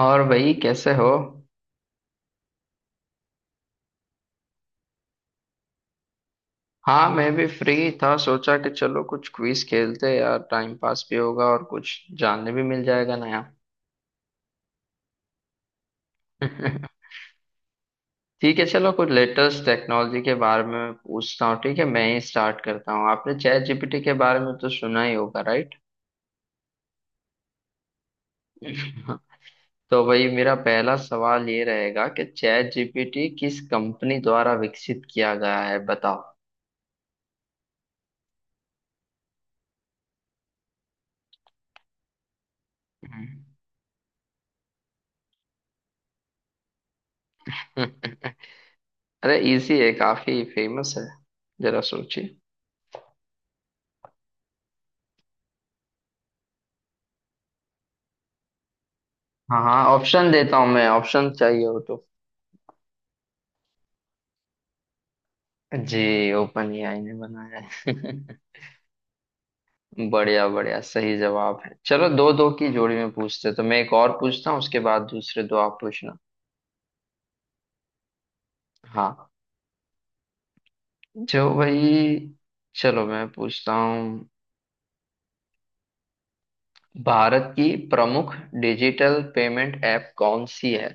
और भाई कैसे हो? हाँ, मैं भी फ्री था। सोचा कि चलो कुछ क्विज खेलते हैं यार, टाइम पास भी होगा और कुछ जानने भी मिल जाएगा नया। ठीक है, चलो कुछ लेटेस्ट टेक्नोलॉजी के बारे में मैं पूछता हूँ। ठीक है, मैं ही स्टार्ट करता हूँ। आपने चैट जीपीटी के बारे में तो सुना ही होगा, राइट? तो भाई, मेरा पहला सवाल ये रहेगा कि चैट जीपीटी किस कंपनी द्वारा विकसित किया गया है, बताओ। अरे, इजी है, काफी फेमस है, जरा सोचिए। हाँ हाँ, ऑप्शन देता हूँ मैं, ऑप्शन चाहिए हो तो। जी, ओपन एआई ने बनाया है। बढ़िया बढ़िया, सही जवाब है। चलो दो दो की जोड़ी में पूछते हैं। तो मैं एक और पूछता हूँ, उसके बाद दूसरे दो आप पूछना। हाँ, जो भाई, चलो मैं पूछता हूँ। भारत की प्रमुख डिजिटल पेमेंट ऐप कौन सी है?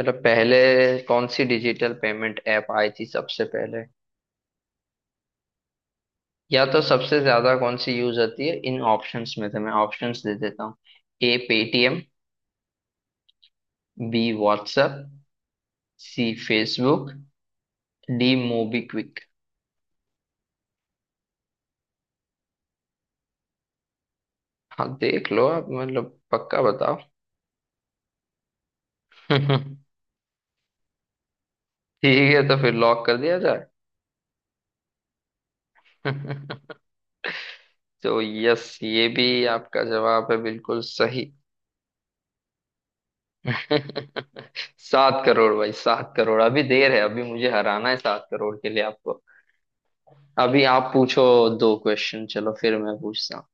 मतलब पहले कौन सी डिजिटल पेमेंट ऐप आई थी सबसे पहले, या तो सबसे ज्यादा कौन सी यूज होती है? इन ऑप्शंस में से मैं ऑप्शंस दे देता हूँ। A Paytm, B WhatsApp, C Facebook, D MobiKwik. हाँ, देख लो आप, मतलब पक्का बताओ। ठीक है, तो फिर लॉक कर दिया जाए। तो यस, ये भी आपका जवाब है, बिल्कुल सही। 7 करोड़ भाई, 7 करोड़। अभी देर है, अभी मुझे हराना है 7 करोड़ के लिए आपको। अभी आप पूछो दो क्वेश्चन, चलो फिर मैं पूछता हूँ।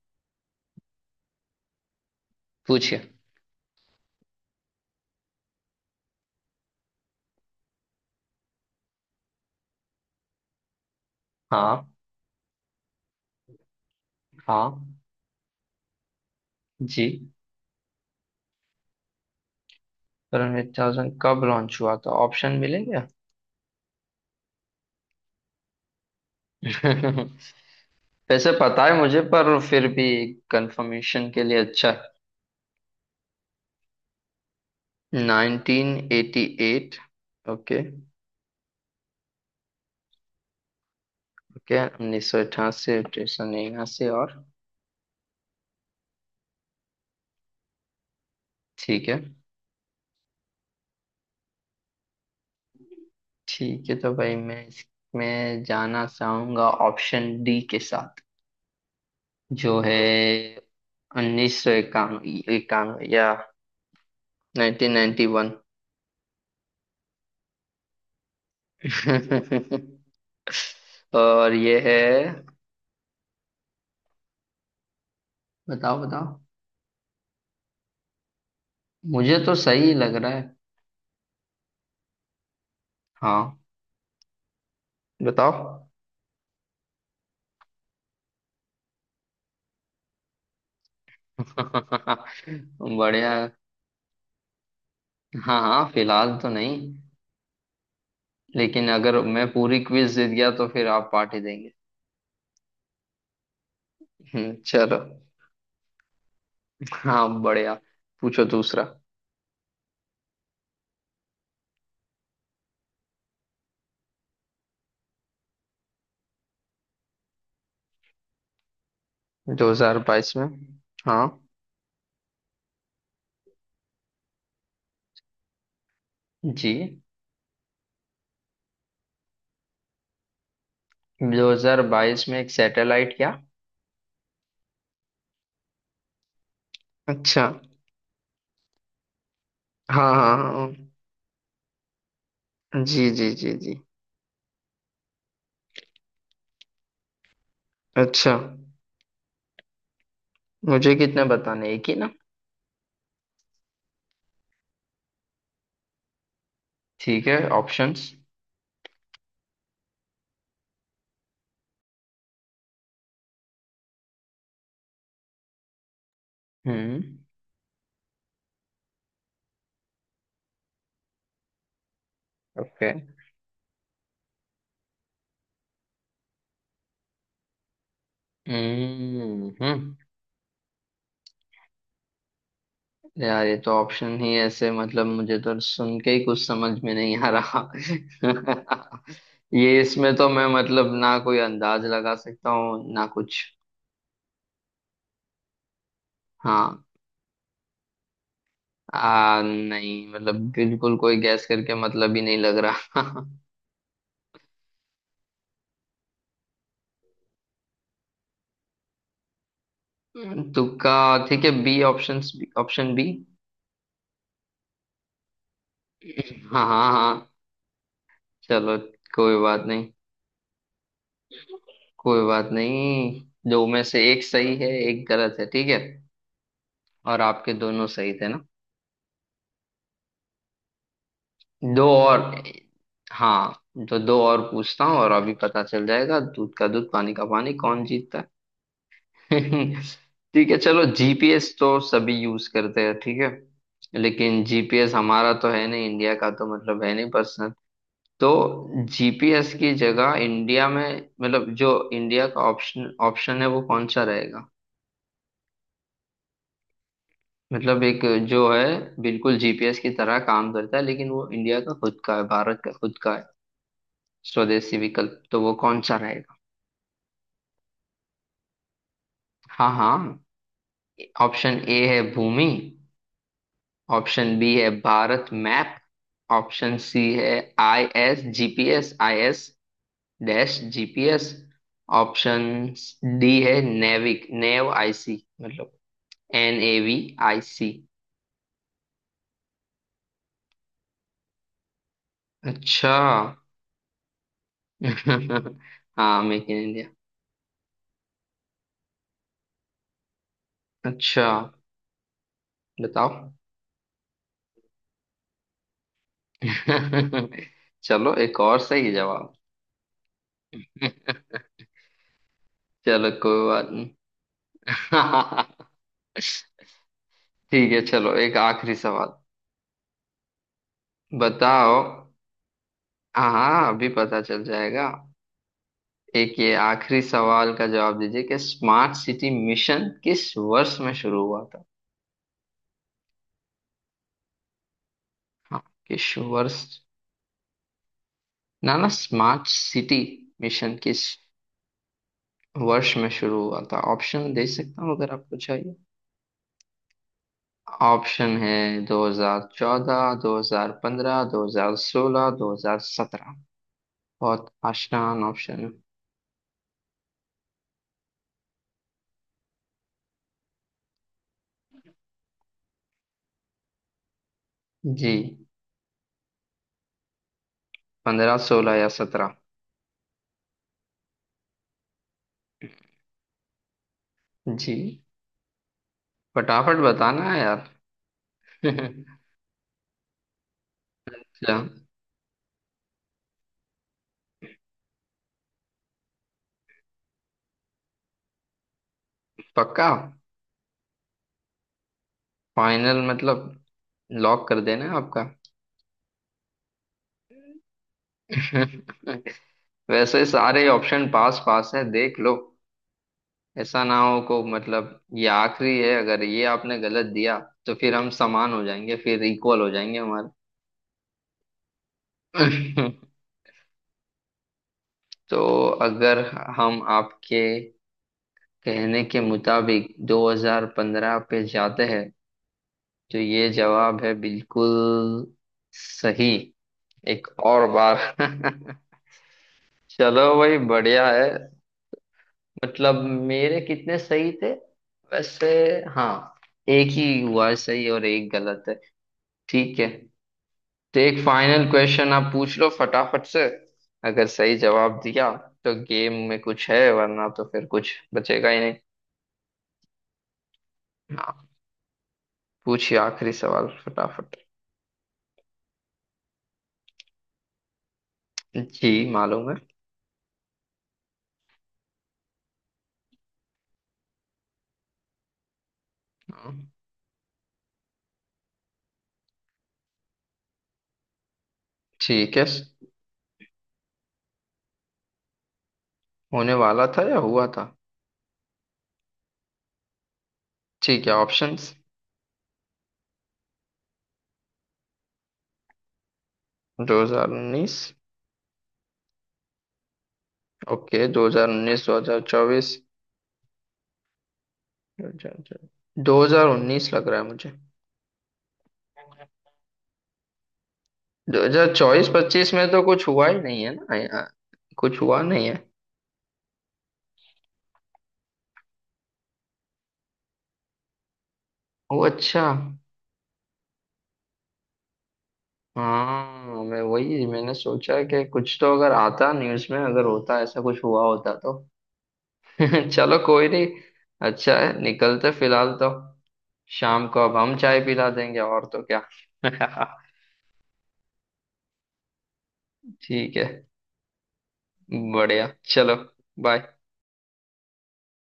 पूछिए। हाँ हाँ। जी, करण 8000 कब लॉन्च हुआ था? ऑप्शन मिलेंगे। वैसे पता है मुझे, पर फिर भी कंफर्मेशन के लिए। अच्छा है, 1988। Okay okay. 1988, 1889 और ठीक है, ठीक है। तो भाई मैं इसमें जाना चाहूंगा, ऑप्शन डी के साथ, जो है 1991, इक्यानवे या 1991। और ये है, बताओ बताओ। मुझे तो सही लग रहा है। हाँ, बताओ। बढ़िया। हाँ हाँ, फिलहाल तो नहीं, लेकिन अगर मैं पूरी क्विज जीत गया तो फिर आप पार्टी देंगे। चलो। हाँ, बढ़िया। पूछो दूसरा। 2022 में। हाँ, जी। 2022 में एक सैटेलाइट, क्या? अच्छा, हाँ हाँ हाँ। जी जी जी जी। अच्छा, मुझे कितने बताने, एक ही ना? ठीक है, ऑप्शंस। हम्म। ओके। हम्म। यार, ये तो ऑप्शन ही ऐसे, मतलब मुझे तो सुन के ही कुछ समझ में नहीं आ रहा। ये इसमें तो मैं मतलब ना कोई अंदाज लगा सकता हूँ ना कुछ। हाँ, नहीं, मतलब बिल्कुल कोई गैस करके मतलब ही नहीं लग रहा। तुक्का। ठीक है, बी ऑप्शन, ऑप्शन बी। हाँ हाँ हाँ, चलो कोई बात नहीं, कोई बात नहीं। दो में से एक सही है, एक गलत है, ठीक है। और आपके दोनों सही थे ना? दो और, हाँ। तो दो और पूछता हूँ और अभी पता चल जाएगा दूध का दूध पानी का पानी कौन जीतता है। ठीक है, चलो जीपीएस तो सभी यूज करते हैं, ठीक है। लेकिन जीपीएस हमारा तो है नहीं, इंडिया का तो मतलब है नहीं पर्सनल। तो जीपीएस की जगह इंडिया में, मतलब जो इंडिया का ऑप्शन ऑप्शन है, वो कौन सा रहेगा? मतलब एक जो है बिल्कुल जीपीएस की तरह काम करता है, लेकिन वो इंडिया का खुद का है, भारत का खुद का है, स्वदेशी विकल्प, तो वो कौन सा रहेगा? हाँ हाँ, ऑप्शन ए है भूमि, ऑप्शन बी है भारत मैप, ऑप्शन सी है I S GPS, I S dash GPS, option D है नेविक, नेव आईसी, मतलब N A V I C. अच्छा। हाँ, मेक इन इंडिया। अच्छा, बताओ। चलो, एक और सही जवाब। चलो कोई बात नहीं। ठीक है, चलो एक आखिरी सवाल। बताओ। हाँ, अभी पता चल जाएगा। एक ये आखिरी सवाल का जवाब दीजिए कि स्मार्ट सिटी मिशन किस वर्ष में शुरू हुआ था? हाँ, किस वर्ष? ना ना, स्मार्ट सिटी मिशन किस वर्ष में शुरू हुआ था? ऑप्शन दे सकता हूँ अगर आपको चाहिए। ऑप्शन है 2014, 2015, 2016, 2017। बहुत आसान ऑप्शन है। जी, 15 16 या 17? जी, फटाफट बताना है यार। अच्छा। पक्का? फाइनल मतलब, लॉक कर देना है आपका? वैसे सारे ऑप्शन पास पास है, देख लो। ऐसा ना हो को, मतलब ये आखिरी है, अगर ये आपने गलत दिया तो फिर हम समान हो जाएंगे, फिर इक्वल हो जाएंगे हमारे। तो अगर हम आपके कहने के मुताबिक 2015 पे जाते हैं तो ये जवाब है बिल्कुल सही। एक और बार। चलो भाई, बढ़िया है। मतलब मेरे कितने सही थे वैसे? हाँ, एक ही हुआ है सही और एक गलत है, ठीक है। तो एक फाइनल क्वेश्चन आप पूछ लो फटाफट से, अगर सही जवाब दिया तो गेम में कुछ है, वरना तो फिर कुछ बचेगा ही नहीं। पूछिए आखिरी सवाल फटाफट। जी, मालूम है। हाँ। ठीक है, होने वाला था या हुआ था? ठीक है, ऑप्शंस। 2019। ओके, 2019, 2024। 2019 लग रहा है मुझे। 2024 25 में तो कुछ हुआ ही नहीं है ना यहाँ, कुछ हुआ नहीं है। वो, अच्छा। हाँ, मैं वही मैंने सोचा कि कुछ तो, अगर आता न्यूज़ में, अगर होता ऐसा कुछ हुआ होता तो। चलो कोई नहीं, अच्छा है निकलते फिलहाल तो। शाम को अब हम चाय पिला देंगे और तो क्या। ठीक है, बढ़िया, चलो बाय।